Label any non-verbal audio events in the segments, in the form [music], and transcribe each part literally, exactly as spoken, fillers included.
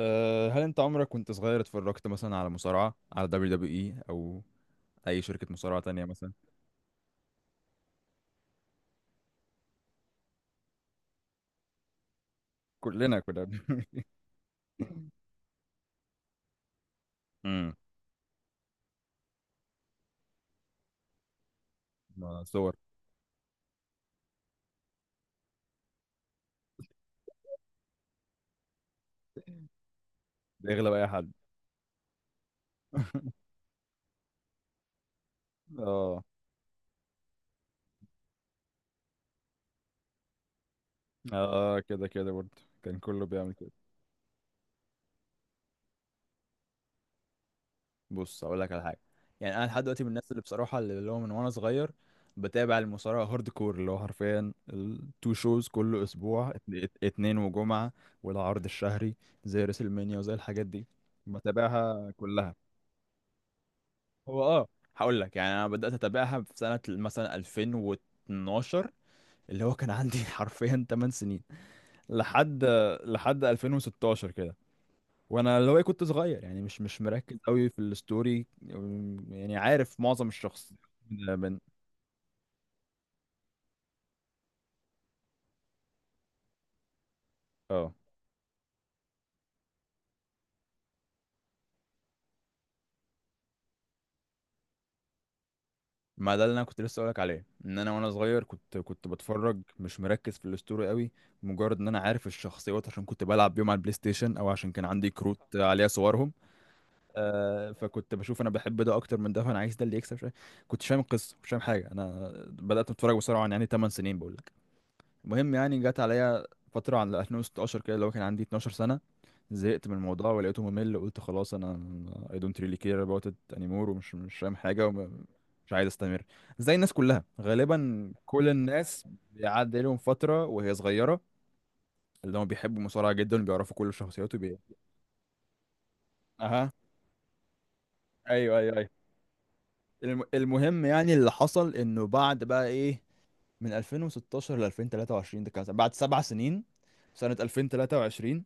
أه هل انت عمرك وانت صغير اتفرجت مثلا على مصارعة على دبليو دبليو اي او اي شركة مصارعة تانية مثلا؟ كلنا كنا بن- [laughs] امم ما صور. بيغلب اي حد. [laughs] اه اه كده كده برضه، كان كله بيعمل كده. بص اقول لك على حاجة، يعني انا لحد دلوقتي من الناس اللي بصراحة اللي اللي هو من وانا صغير بتابع المصارعة هارد كور اللي هو حرفيا التو شوز كل اسبوع ات- ات- اتنين وجمعة والعرض الشهري زي ريسلمانيا وزي الحاجات دي، بتابعها كلها. هو اه، هقول لك يعني انا بدات اتابعها في سنه مثلا ألفين واتناشر، اللي هو كان عندي [laughs] حرفيا 8 سنين لحد لحد ألفين وستة عشر كده. وانا اللي هو إيه، كنت صغير يعني مش مش مركز قوي في الستوري، يعني عارف معظم الشخص من من- اه، ما ده اللي انا كنت لسه اقولك عليه، ان انا وانا صغير كنت كنت بتفرج مش مركز في الستوري قوي، مجرد ان انا عارف الشخصيات عشان كنت بلعب بيهم على البلاي ستيشن او عشان كان عندي كروت عليها صورهم. آه فكنت بشوف انا بحب ده اكتر من ده، فانا عايز ده اللي يكسب شويه، كنتش فاهم القصه مش فاهم حاجه، انا بدات اتفرج بسرعه يعني 8 سنين بقول لك. المهم، يعني جت عليا فتره على ألفين وستاشر كده اللي هو كان عندي 12 سنه، زهقت من الموضوع ولقيته ممل، قلت خلاص انا I don't really care about it anymore، ومش مش فاهم حاجه ومش عايز استمر، زي الناس كلها غالبا، كل الناس بيعدي لهم فتره وهي صغيره، اللي هم بيحبوا المصارعه جدا وبيعرفوا كل الشخصيات وبي... اها، ايوه، ايوه، ايوه. الم- المهم، يعني اللي حصل انه بعد بقى ايه، من ألفين وستاشر ل ألفين وتلاتة وعشرين ده كان بعد سبع سنين، سنة ألفين وتلاتة وعشرين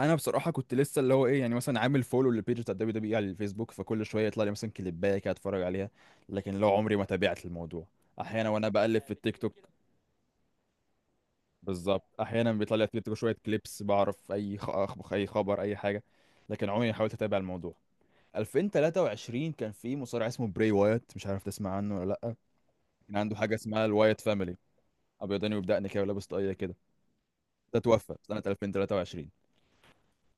انا بصراحة كنت لسه اللي هو ايه، يعني مثلا عامل فولو للبيج بتاع دبليو دبليو اي على الفيسبوك، فكل شوية يطلع لي مثلا كليباية كده اتفرج عليها، لكن لو عمري ما تابعت الموضوع، احيانا وانا بقلب في التيك توك، بالظبط، احيانا بيطلع لي على التيك توك شوية كليبس، بعرف اي خ... اي خبر اي حاجة، لكن عمري ما حاولت اتابع الموضوع. ألفين وتلاتة وعشرين كان في مصارع اسمه براي وايت، مش عارف تسمع عنه ولا. كان عنده حاجه اسمها الوايت فاميلي، ابيضاني وبدقني كده ولابس طاقيه كده، ده توفى سنه ألفين وتلاتة وعشرين.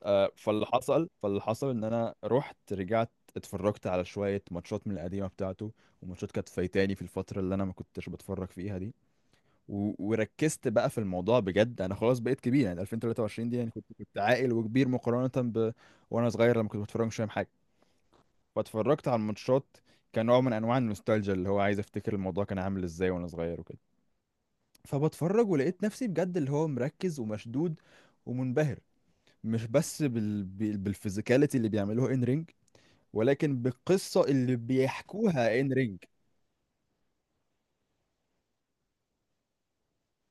آه فاللي حصل، فاللي حصل ان انا رحت رجعت اتفرجت على شويه ماتشات من القديمه بتاعته، وماتشات كانت فايتاني في الفتره اللي انا ما كنتش بتفرج فيها دي، و... وركزت بقى في الموضوع بجد، انا خلاص بقيت كبير، يعني ألفين وتلاتة وعشرين دي، يعني كنت كنت عاقل وكبير مقارنه ب... وانا صغير لما كنت بتفرج مش فاهم حاجه. فاتفرجت على الماتشات كنوع من انواع النوستالجيا، اللي هو عايز افتكر الموضوع كان عامل ازاي وانا صغير وكده، فبتفرج ولقيت نفسي بجد اللي هو مركز ومشدود ومنبهر، مش بس بال... بال- بالفيزيكاليتي اللي بيعملوها ان رينج، ولكن بالقصة اللي بيحكوها ان رينج.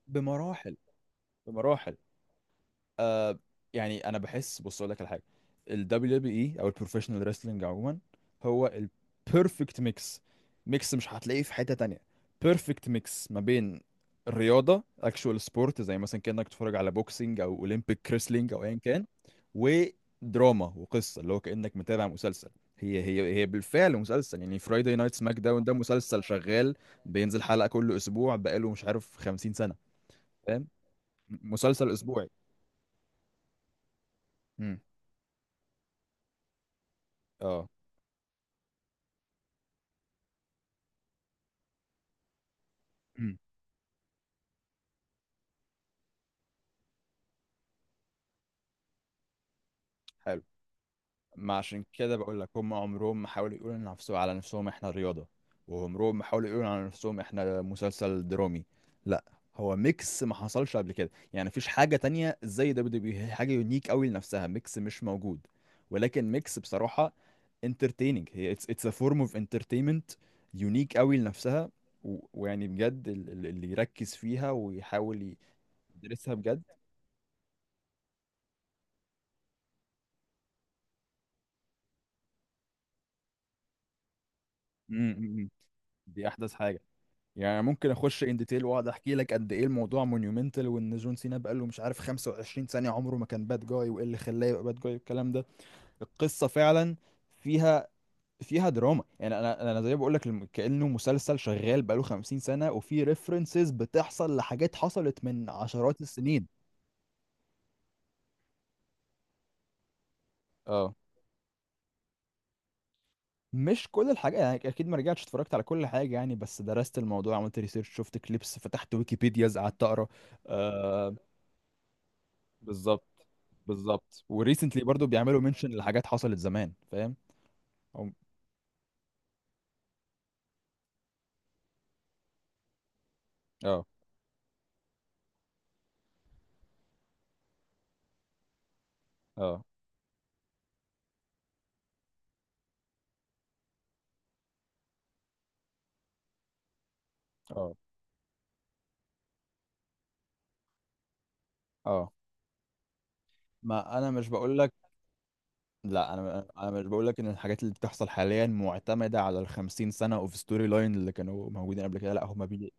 بمراحل، بمراحل، آه يعني انا بحس، بص اقول لك على حاجه، ال W W E او البروفيشنال wrestling عموما، هو البيرفكت ميكس، ميكس مش هتلاقيه في حته تانية، بيرفكت ميكس ما بين الرياضه actual sport زي مثلا كانك تتفرج على بوكسينج او اولمبيك كريسلينج او ايا كان، ودراما وقصه اللي هو كانك متابع مسلسل. هي هي هي بالفعل مسلسل، يعني فرايداي نايت سماك داون ده مسلسل شغال، بينزل حلقه كل اسبوع بقاله مش عارف 50 سنه، فاهم، مسلسل اسبوعي. امم، اه، مم. حلو، ما عشان كده بقول لك هم عمرهم ما حاولوا يقولوا لنفسهم على نفسهم احنا رياضة، وعمرهم ما حاولوا يقولوا على نفسهم احنا مسلسل درامي، لا، هو ميكس ما حصلش قبل كده، يعني مفيش حاجة تانية زي دبليو دبليو، هي حاجة يونيك قوي لنفسها، ميكس مش موجود، ولكن ميكس بصراحة انترتيننج، هي اتس اتس ا فورم اوف انترتينمنت، يونيك قوي لنفسها، و... ويعني بجد ال- ال- اللي يركز فيها ويحاول يدرسها بجد. مم، مم، مم. دي احدث حاجة، يعني ممكن اخش ان ديتيل واقعد احكي لك قد ايه الموضوع مونيومنتال، وان جون سينا بقى له مش عارف 25 ثانيه عمره ما كان باد جاي، وايه اللي خلاه يبقى باد جاي والكلام ده. القصه فعلا فيها، فيها دراما، يعني انا انا زي بقول لك الم- كانه مسلسل شغال بقى له 50 سنه، وفي ريفرنسز بتحصل لحاجات حصلت من عشرات السنين. اه، مش كل الحاجات، يعني اكيد ما رجعتش اتفرجت على كل حاجه، يعني بس درست الموضوع، عملت ريسيرش، شفت كليبس، فتحت ويكيبيديا قعدت اقرا. آه، بالظبط، بالظبط، وريسنتلي برضو بيعملوا منشن لحاجات حصلت زمان، فاهم. هم- اه، اه، اه، اه، ما انا مش بقول لك، لا، انا انا مش بقول لك ان الحاجات اللي بتحصل حاليا معتمده على ال 50 سنه اوف ستوري لاين اللي كانوا موجودين قبل كده، لا، هم بي...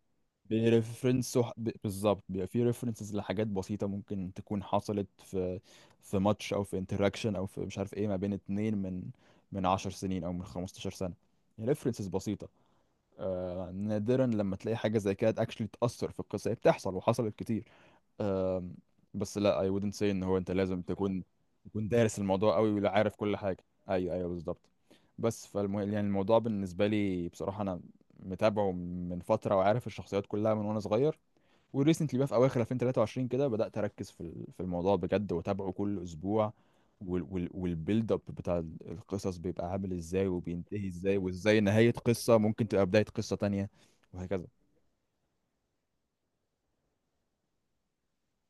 بيرفرنسوا ح- ب- بالظبط، بيبقى في ريفرنسز لحاجات بسيطه ممكن تكون حصلت في في ماتش او في انتراكشن او في مش عارف ايه، ما بين اتنين من من 10 سنين او من 15 سنه، ريفرنسز بسيطه. آه، نادرا لما تلاقي حاجة زي كده اكشلي تأثر في القصة، هي بتحصل وحصلت كتير. آه، بس لا، I wouldn't say ان هو انت لازم تكون تكون دارس الموضوع قوي ولا عارف كل حاجة، ايوه، ايوه، بالظبط. بس فالمه... يعني الموضوع بالنسبة لي بصراحة انا متابعه من فترة وعارف الشخصيات كلها من وانا صغير، وريسنتلي بقى في اواخر ألفين وتلاتة وعشرين كده بدات اركز في ال- في الموضوع بجد واتابعه كل اسبوع، والبيلد اب بتاع ال- القصص بيبقى عامل ازاي وبينتهي ازاي، وازاي نهايه قصه ممكن تبقى بدايه قصه تانية، وهكذا.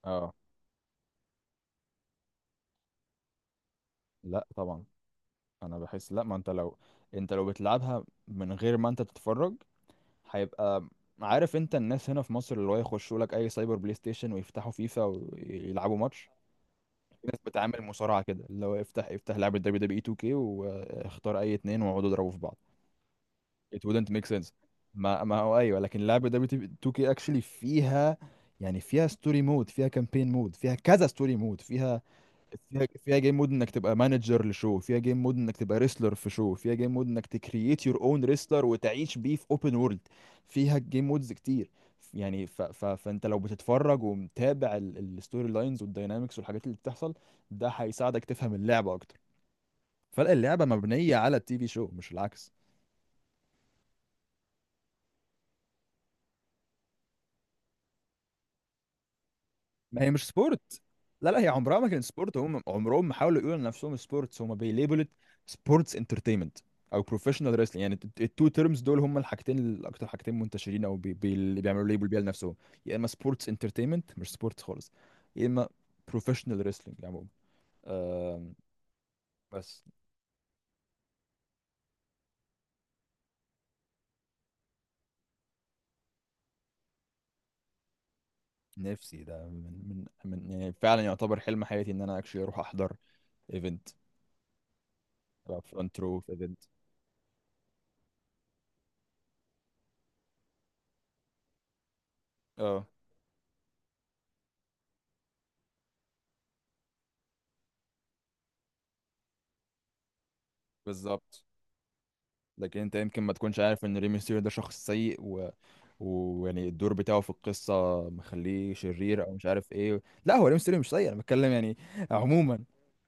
اه، لا طبعا. انا بحس لا، ما انت لو انت لو بتلعبها من غير ما انت تتفرج، هيبقى... عارف انت الناس هنا في مصر اللي هو يخشوا لك اي سايبر بلاي ستيشن ويفتحوا فيفا ويلعبوا ماتش، في ناس بتعامل مصارعه كده اللي هو افتح افتح لعبه دبليو دبليو اي 2 كي واختار اي اتنين واقعدوا اضربوا في بعض، it wouldn't make sense. ما ما هو ايوه، لكن لعبه دبليو 2 كي actually فيها، يعني فيها ستوري مود، فيها كامبين مود، فيها كذا ستوري مود، فيها فيها فيها جيم مود انك تبقى مانجر لشو، فيها جيم مود انك تبقى ريسلر في شو، فيها جيم مود انك تكريت يور اون ريسلر وتعيش بيه في اوبن وورلد، فيها جيم مودز كتير. يعني ف... ف... فانت لو بتتفرج ومتابع الستوري لاينز والداينامكس والحاجات اللي بتحصل، ده هيساعدك تفهم اللعبة اكتر، فاللعبة مبنية على التي في شو مش العكس. ما هي مش سبورت، لا لا، هي عمرها ما كانت سبورت، هم عمرهم ما حاولوا يقولوا لنفسهم سبورتس، هم بيليبلت سبورتس انترتينمنت او بروفيشنال ريسلينج، يعني الت- التو تيرمز دول هم الحاجتين الاكتر حاجتين منتشرين، او بي بي اللي بيعملوا ليبل بيها لنفسهم، يا اما سبورتس انترتينمنت مش سبورتس خالص، يا اما بروفيشنال ريسلينج عموما. آم، بس. نفسي ده من من من يعني فعلا يعتبر حلم حياتي ان انا اكشلي اروح احضر ايفنت، ابقى فرونت رو في ايفنت. اه، بالظبط. لكن انت يمكن ما تكونش عارف ان ري ميستيريو ده شخص سيء، و... ويعني الدور بتاعه في القصة مخليه شرير او مش عارف ايه، لا، هو ري ميستيريو مش سيء، انا بتكلم يعني عموما،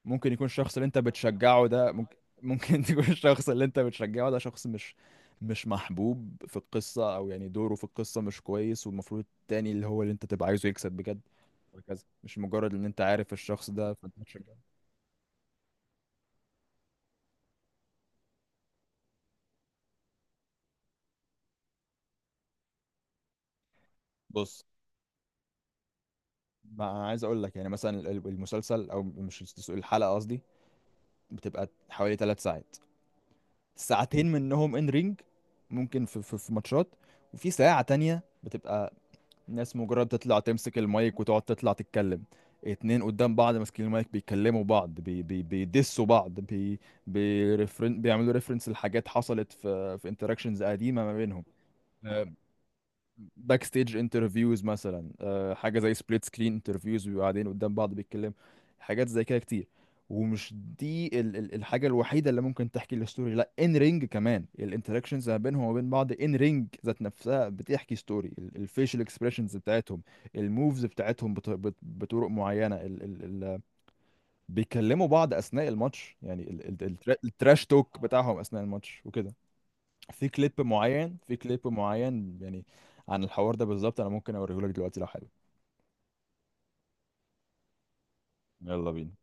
ممكن يكون الشخص اللي انت بتشجعه ده، ممكن ممكن [laughs] تكون الشخص اللي انت بتشجعه ده شخص مش مش محبوب في القصة، او يعني دوره في القصة مش كويس والمفروض التاني اللي هو اللي انت تبقى عايزه يكسب بجد، وهكذا، مش مجرد ان انت عارف الشخص ده فانت بتشجعه. بص، ما انا عايز اقول لك يعني مثلا ال- المسلسل او مش الس- الحلقه قصدي، بتبقى حوالي ثلاث ساعات، ساعتين منهم ان رينج، ممكن في, في, في ماتشات، وفي ساعة تانية بتبقى ناس مجرد تطلع تمسك المايك وتقعد تطلع تتكلم، اتنين قدام بعض ماسكين المايك بيكلموا بعض بي بي بيدسوا بعض بي... بيرفرن بيعملوا ريفرنس لحاجات حصلت في في انتراكشنز قديمة ما بينهم، باك ستيج انترفيوز مثلا، آه، حاجه زي سبليت سكرين انترفيوز بيبقوا قاعدين قدام بعض بيتكلموا، حاجات زي كده كتير، ومش... دي ال ال الحاجه الوحيده اللي ممكن تحكي الستوري، لا، ان رينج كمان الانتراكشنز ما بينهم وبين بعض ان رينج ذات نفسها بتحكي ستوري، الفيشل اكسبريشنز بتاعتهم، الموفز بتاعتهم بط بط بطرق معينه، ال ال ال بيكلموا بعض اثناء الماتش، يعني التراش توك بتاعهم اثناء الماتش وكده، في كليب معين، في كليب معين يعني عن الحوار ده بالظبط، انا ممكن اوريهولك دلوقتي لو حابب. يلا بينا.